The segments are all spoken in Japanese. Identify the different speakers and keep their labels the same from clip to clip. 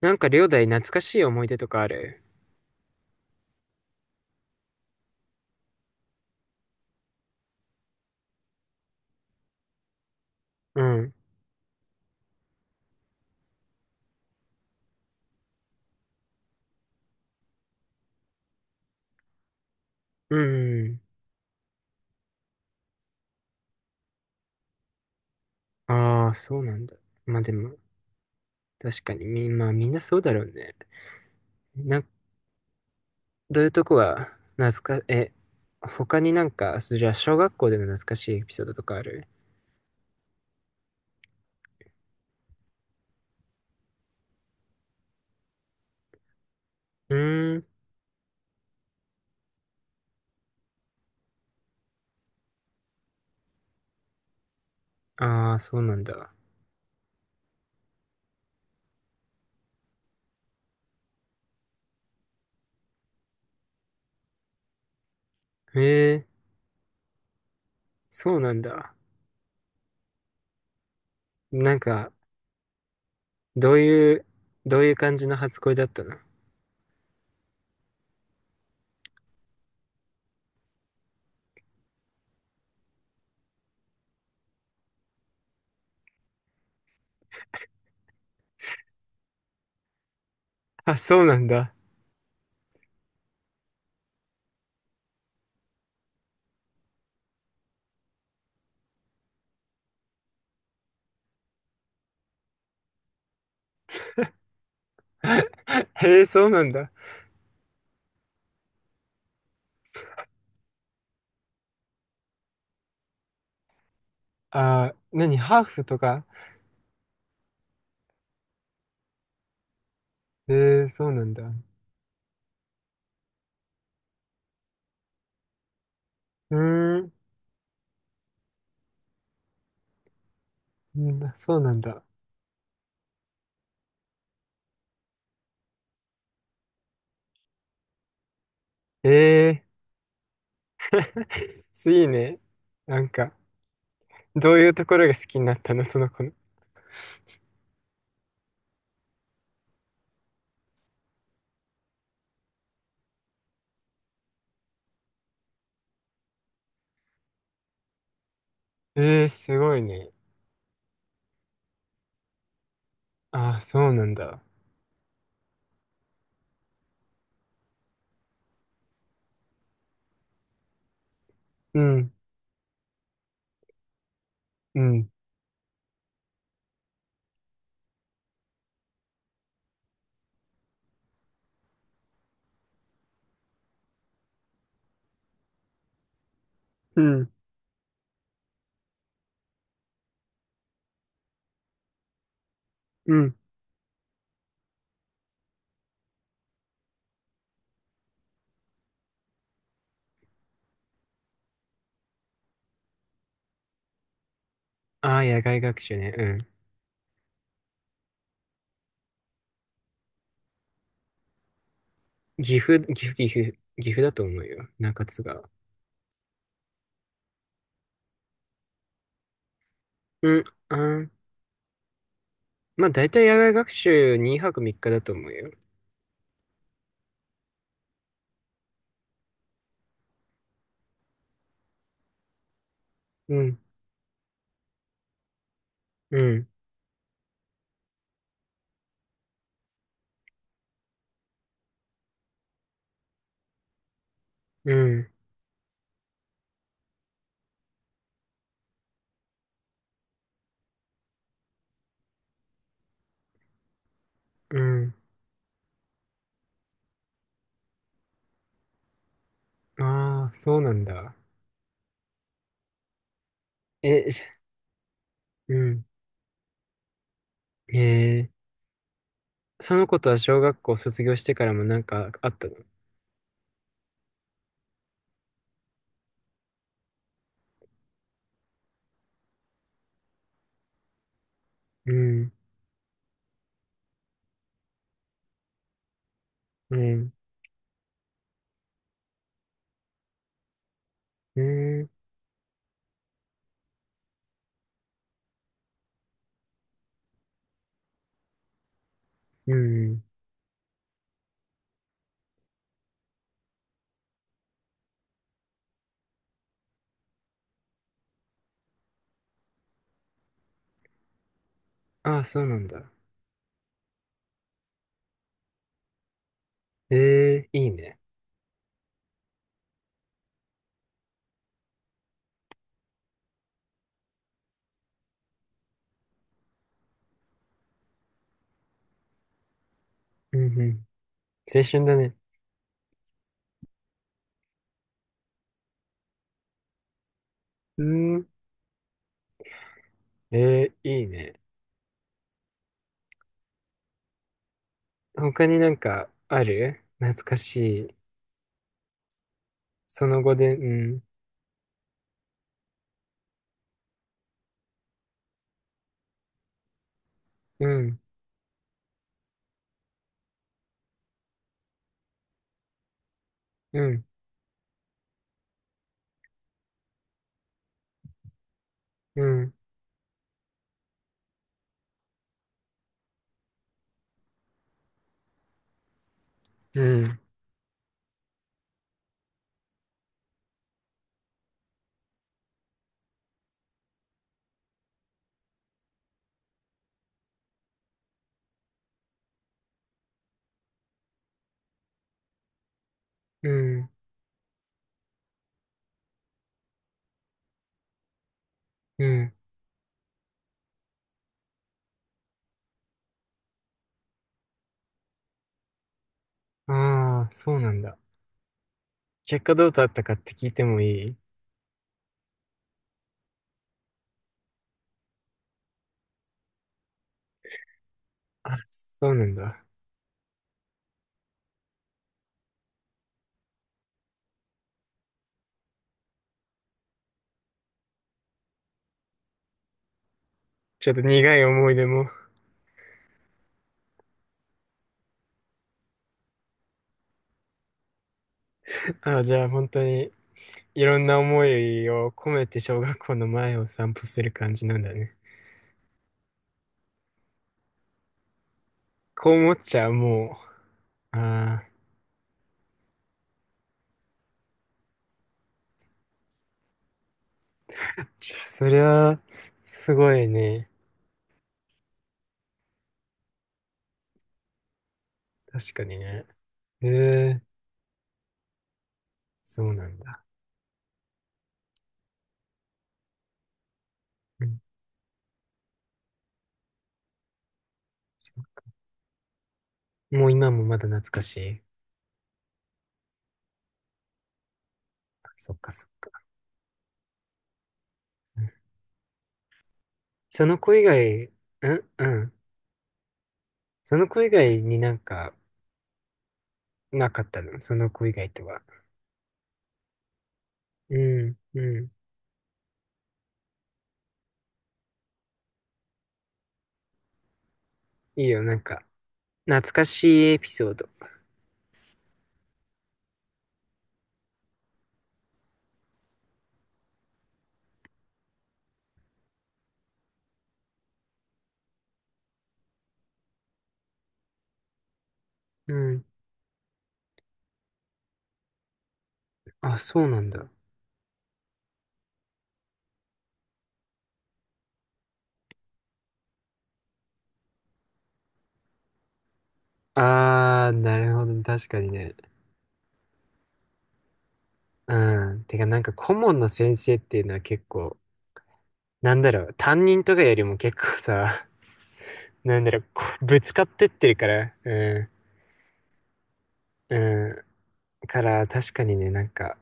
Speaker 1: なんか、両大懐かしい思い出とかある？うん。うんうん。ああ、そうなんだ。まあでも、確かに、まあみんなそうだろうね。な、どういうとこが懐か、え、他になんか、そりゃ小学校での懐かしいエピソードとかある？うーん。ああ、そうなんだ。へえ、そうなんだ。なんか、どういう、どういう感じの初恋だったの？あ、そうなんだ。へえ、そうなんだ。ああ、何ハーフとか？へえ、そうなんだ。うーん。うん、そうなんだ。ええいいね。なんか、どういうところが好きになったの、その子の？ええすごいね。ああ、そうなんだ。うん、うん、うん、うん。ああ、野外学習ね。うん。岐阜、岐阜、岐阜、岐阜だと思うよ。中津が、うん、あー、まあ、大体野外学習2泊3日だと思うよ。うん、うん、うん、うん。ああ、そうなんだ。え、じゃうん。え、その子とは小学校卒業してからもなんかあったの？うん、うん、うん、うん。ああ、そうなんだ。ええ、いいね。うん、うん。青春だね。うん、ええ、いいね。他になんかある懐かしい？その後で、うん、うん、うん、うん、うん、うん、うん。ああ、そうなんだ。結果どうだったかって聞いてもいい？あ、そうなんだ。ちょっと苦い思い出も。ああ、じゃあ本当にいろんな思いを込めて小学校の前を散歩する感じなんだね。こう思っちゃう、もう。ああ、そりゃ、すごいね。確かにね。へえ、そうなんだ。うん、そう、もう今もまだ懐かしい？そっかそっか。うん、その子以外、うんうん。その子以外になんか、なかったのその子以外とは？うん、うん。いいよ、なんか、懐かしいエピソード。うん。あ、そうなんだ。あー、なるほど。確かにね。うん。てか、なんか顧問の先生っていうのは結構、なんだろう、担任とかよりも結構さ、なんだろう、こうぶつかってってるから、うん、うん。から、確かにね、なんか、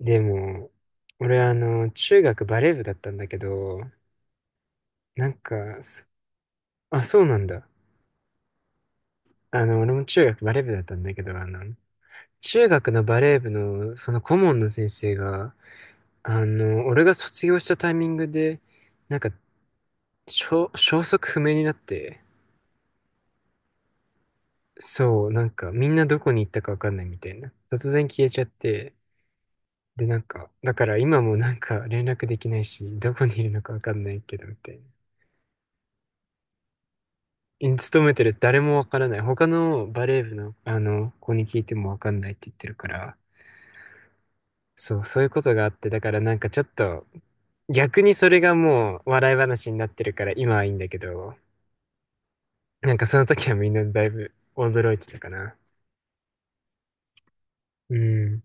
Speaker 1: でも、俺あの、中学バレー部だったんだけど、なんか、そあ、そうなんだ。あの、俺も中学バレー部だったんだけど、あの、中学のバレー部の、その顧問の先生が、あの、俺が卒業したタイミングで、なんか消息不明になって、そう、なんかみんなどこに行ったかわかんないみたいな。突然消えちゃって、で、なんか、だから今もなんか連絡できないし、どこにいるのかわかんないけど、みたいな。勤めてる誰もわからない。他のバレー部の、あの、子に聞いてもわかんないって言ってるから、そう、そういうことがあって、だからなんかちょっと、逆にそれがもう笑い話になってるから今はいいんだけど、なんかその時はみんなだいぶ驚いてたかな。うん。